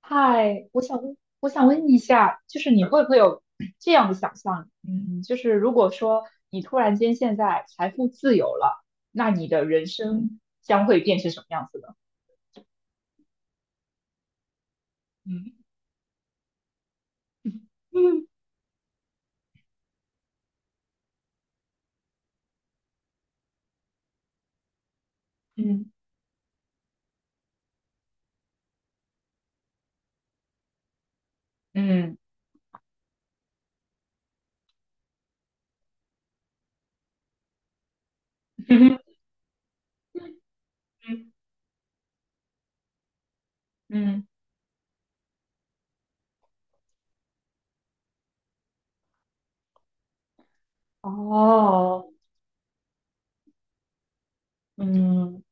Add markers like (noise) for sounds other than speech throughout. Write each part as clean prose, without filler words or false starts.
嗨，我想问，我想问一下，就是你会不会有 (clears throat) 这样的想象？嗯，就是如果说你突然间现在财富自由了，那你的人生将会变成什么样子呢？(laughs) 嗯嗯嗯嗯 (laughs) 嗯嗯，(laughs) 哦，嗯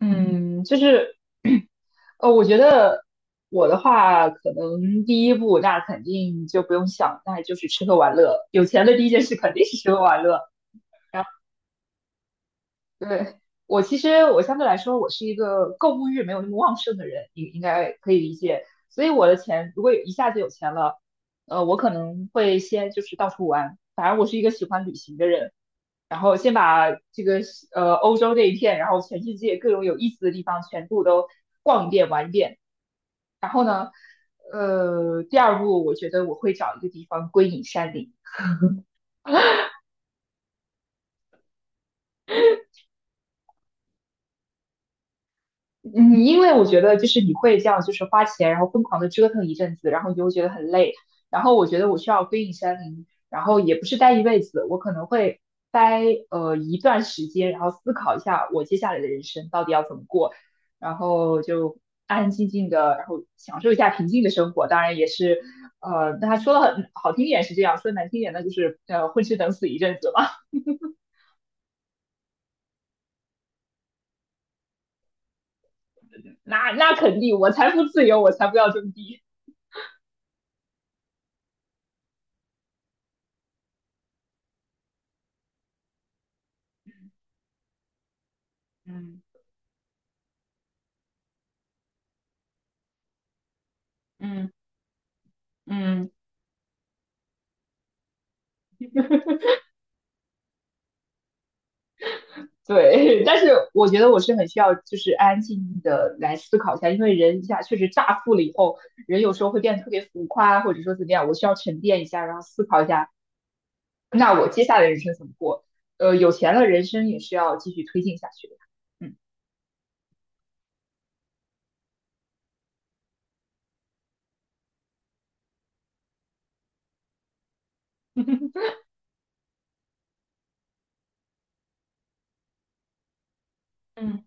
嗯，我觉得我的话，可能第一步那肯定就不用想，那就是吃喝玩乐。有钱的第一件事肯定是吃喝玩乐。对，我其实我相对来说，我是一个购物欲没有那么旺盛的人，应该可以理解。所以我的钱如果有一下子有钱了，我可能会先就是到处玩。反正我是一个喜欢旅行的人，然后先把这个欧洲这一片，然后全世界各种有意思的地方全部都逛一遍玩一遍。然后呢，第二步我觉得我会找一个地方归隐山林。嗯，因为我觉得就是你会这样，就是花钱，然后疯狂的折腾一阵子，然后你就会觉得很累。然后我觉得我需要归隐山林，然后也不是待一辈子，我可能会待一段时间，然后思考一下我接下来的人生到底要怎么过，然后就安安静静的，然后享受一下平静的生活。当然也是，那他说的很好听一点是这样，说得难听点那就是混吃等死一阵子吧。(laughs) 那肯定，我财富自由，我才不要种地。嗯嗯嗯，对，(laughs) 但是我觉得我是很需要，就是安安静静的来思考一下，因为人一下确实乍富了以后，人有时候会变得特别浮夸，或者说怎么样，我需要沉淀一下，然后思考一下，那我接下来人生怎么过？有钱了，人生也是要继续推进下去的。嗯嗯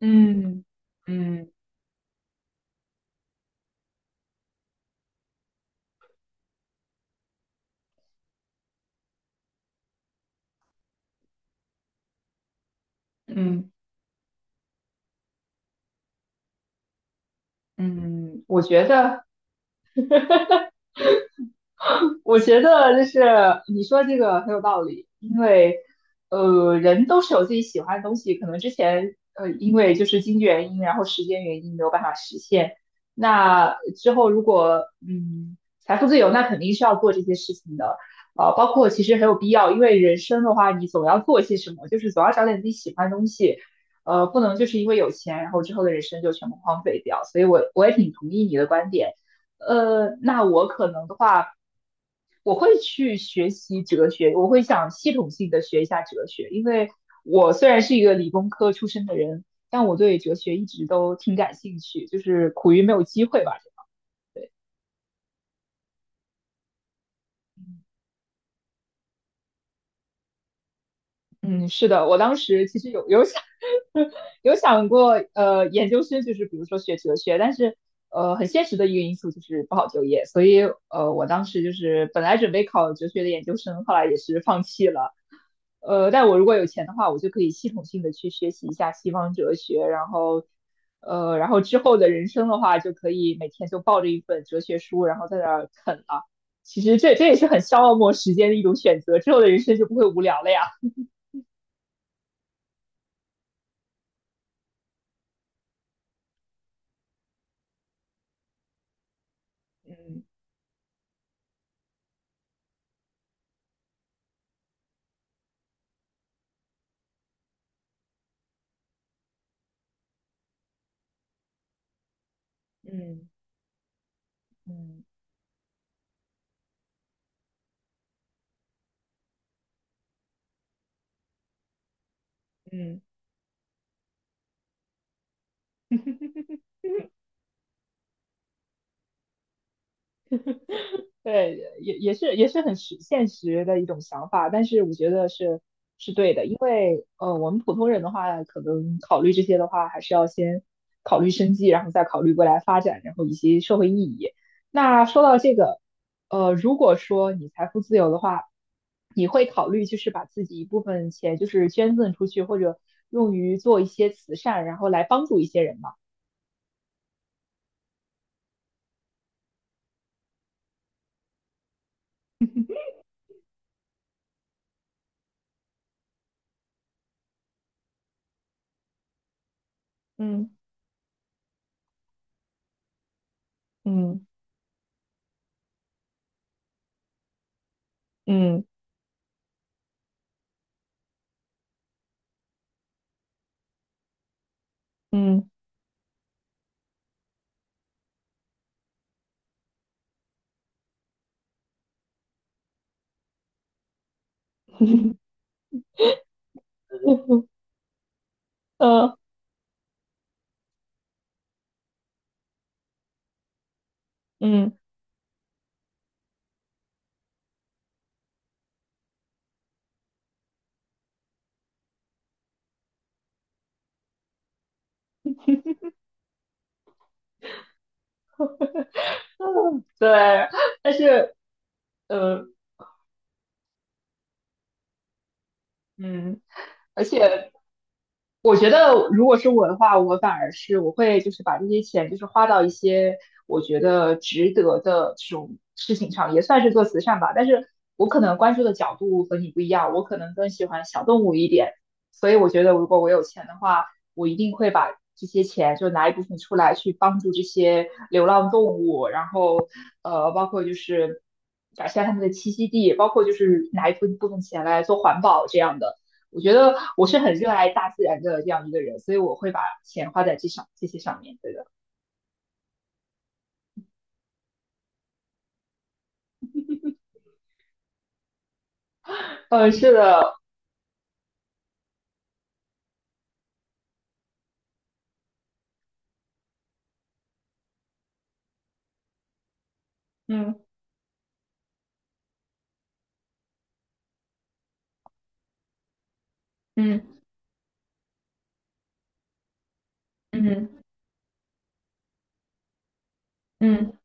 嗯嗯嗯，嗯，我觉得。我觉得就是你说这个很有道理，因为人都是有自己喜欢的东西，可能之前因为就是经济原因，然后时间原因没有办法实现。那之后如果财富自由，那肯定是要做这些事情的，包括其实很有必要，因为人生的话，你总要做些什么，就是总要找点自己喜欢的东西，不能就是因为有钱，然后之后的人生就全部荒废掉。所以我也挺同意你的观点。那我可能的话，我会去学习哲学，我会想系统性的学一下哲学，因为我虽然是一个理工科出身的人，但我对哲学一直都挺感兴趣，就是苦于没有机会吧。对，嗯，是的，我当时其实有想 (laughs) 有想过，研究生就是比如说学哲学，但是很现实的一个因素就是不好就业，所以我当时就是本来准备考哲学的研究生，后来也是放弃了。但我如果有钱的话，我就可以系统性的去学习一下西方哲学，然后，然后之后的人生的话，就可以每天就抱着一本哲学书，然后在那儿啃了。其实这也是很消磨时间的一种选择，之后的人生就不会无聊了呀。嗯嗯嗯嗯。嗯嗯对，也是也是很实现实的一种想法，但是我觉得是对的，因为我们普通人的话，可能考虑这些的话，还是要先考虑生计，然后再考虑未来发展，然后以及社会意义。那说到这个，如果说你财富自由的话，你会考虑就是把自己一部分钱就是捐赠出去，或者用于做一些慈善，然后来帮助一些人吗？嗯嗯嗯嗯嗯嗯。嗯嗯嗯对，但是呃嗯，而且我觉得如果是我的话，我反而是我会就是把这些钱就是花到一些我觉得值得的这种事情上，也算是做慈善吧。但是我可能关注的角度和你不一样，我可能更喜欢小动物一点。所以我觉得如果我有钱的话，我一定会把这些钱就拿一部分出来去帮助这些流浪动物，然后包括就是改善他们的栖息地，包括就是拿一部分钱来做环保这样的。我觉得我是很热爱大自然的这样一个人，所以我会把钱花在这些上面。对的，嗯，是的，嗯嗯嗯嗯嗯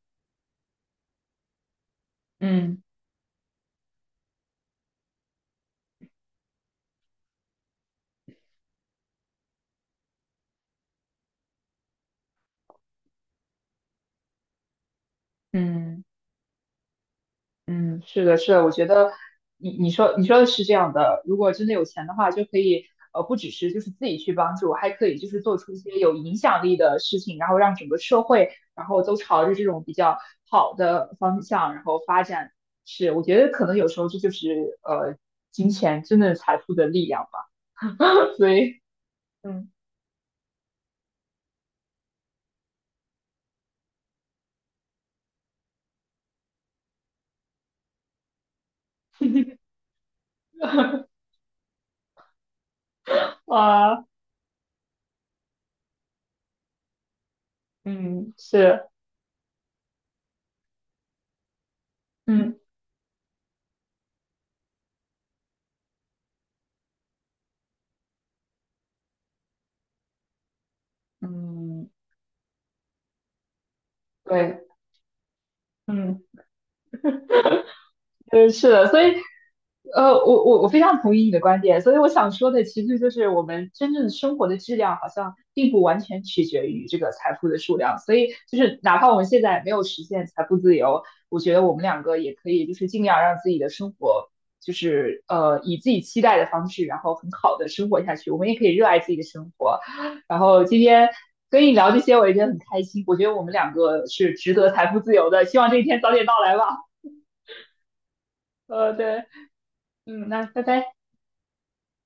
嗯。嗯嗯嗯嗯，是的，是的，我觉得你说你说的是这样的，如果真的有钱的话，就可以不只是就是自己去帮助，还可以就是做出一些有影响力的事情，然后让整个社会，然后都朝着这种比较好的方向，然后发展。是，我觉得可能有时候这就是金钱真的财富的力量吧。所以 (laughs)，嗯，啊，嗯，是，嗯嗯，对，嗯。嗯，是的，所以，我非常同意你的观点，所以我想说的其实就是我们真正生活的质量好像并不完全取决于这个财富的数量，所以就是哪怕我们现在没有实现财富自由，我觉得我们两个也可以就是尽量让自己的生活就是以自己期待的方式，然后很好的生活下去，我们也可以热爱自己的生活。然后今天跟你聊这些，我也觉得很开心，我觉得我们两个是值得财富自由的，希望这一天早点到来吧。对。嗯，那拜拜。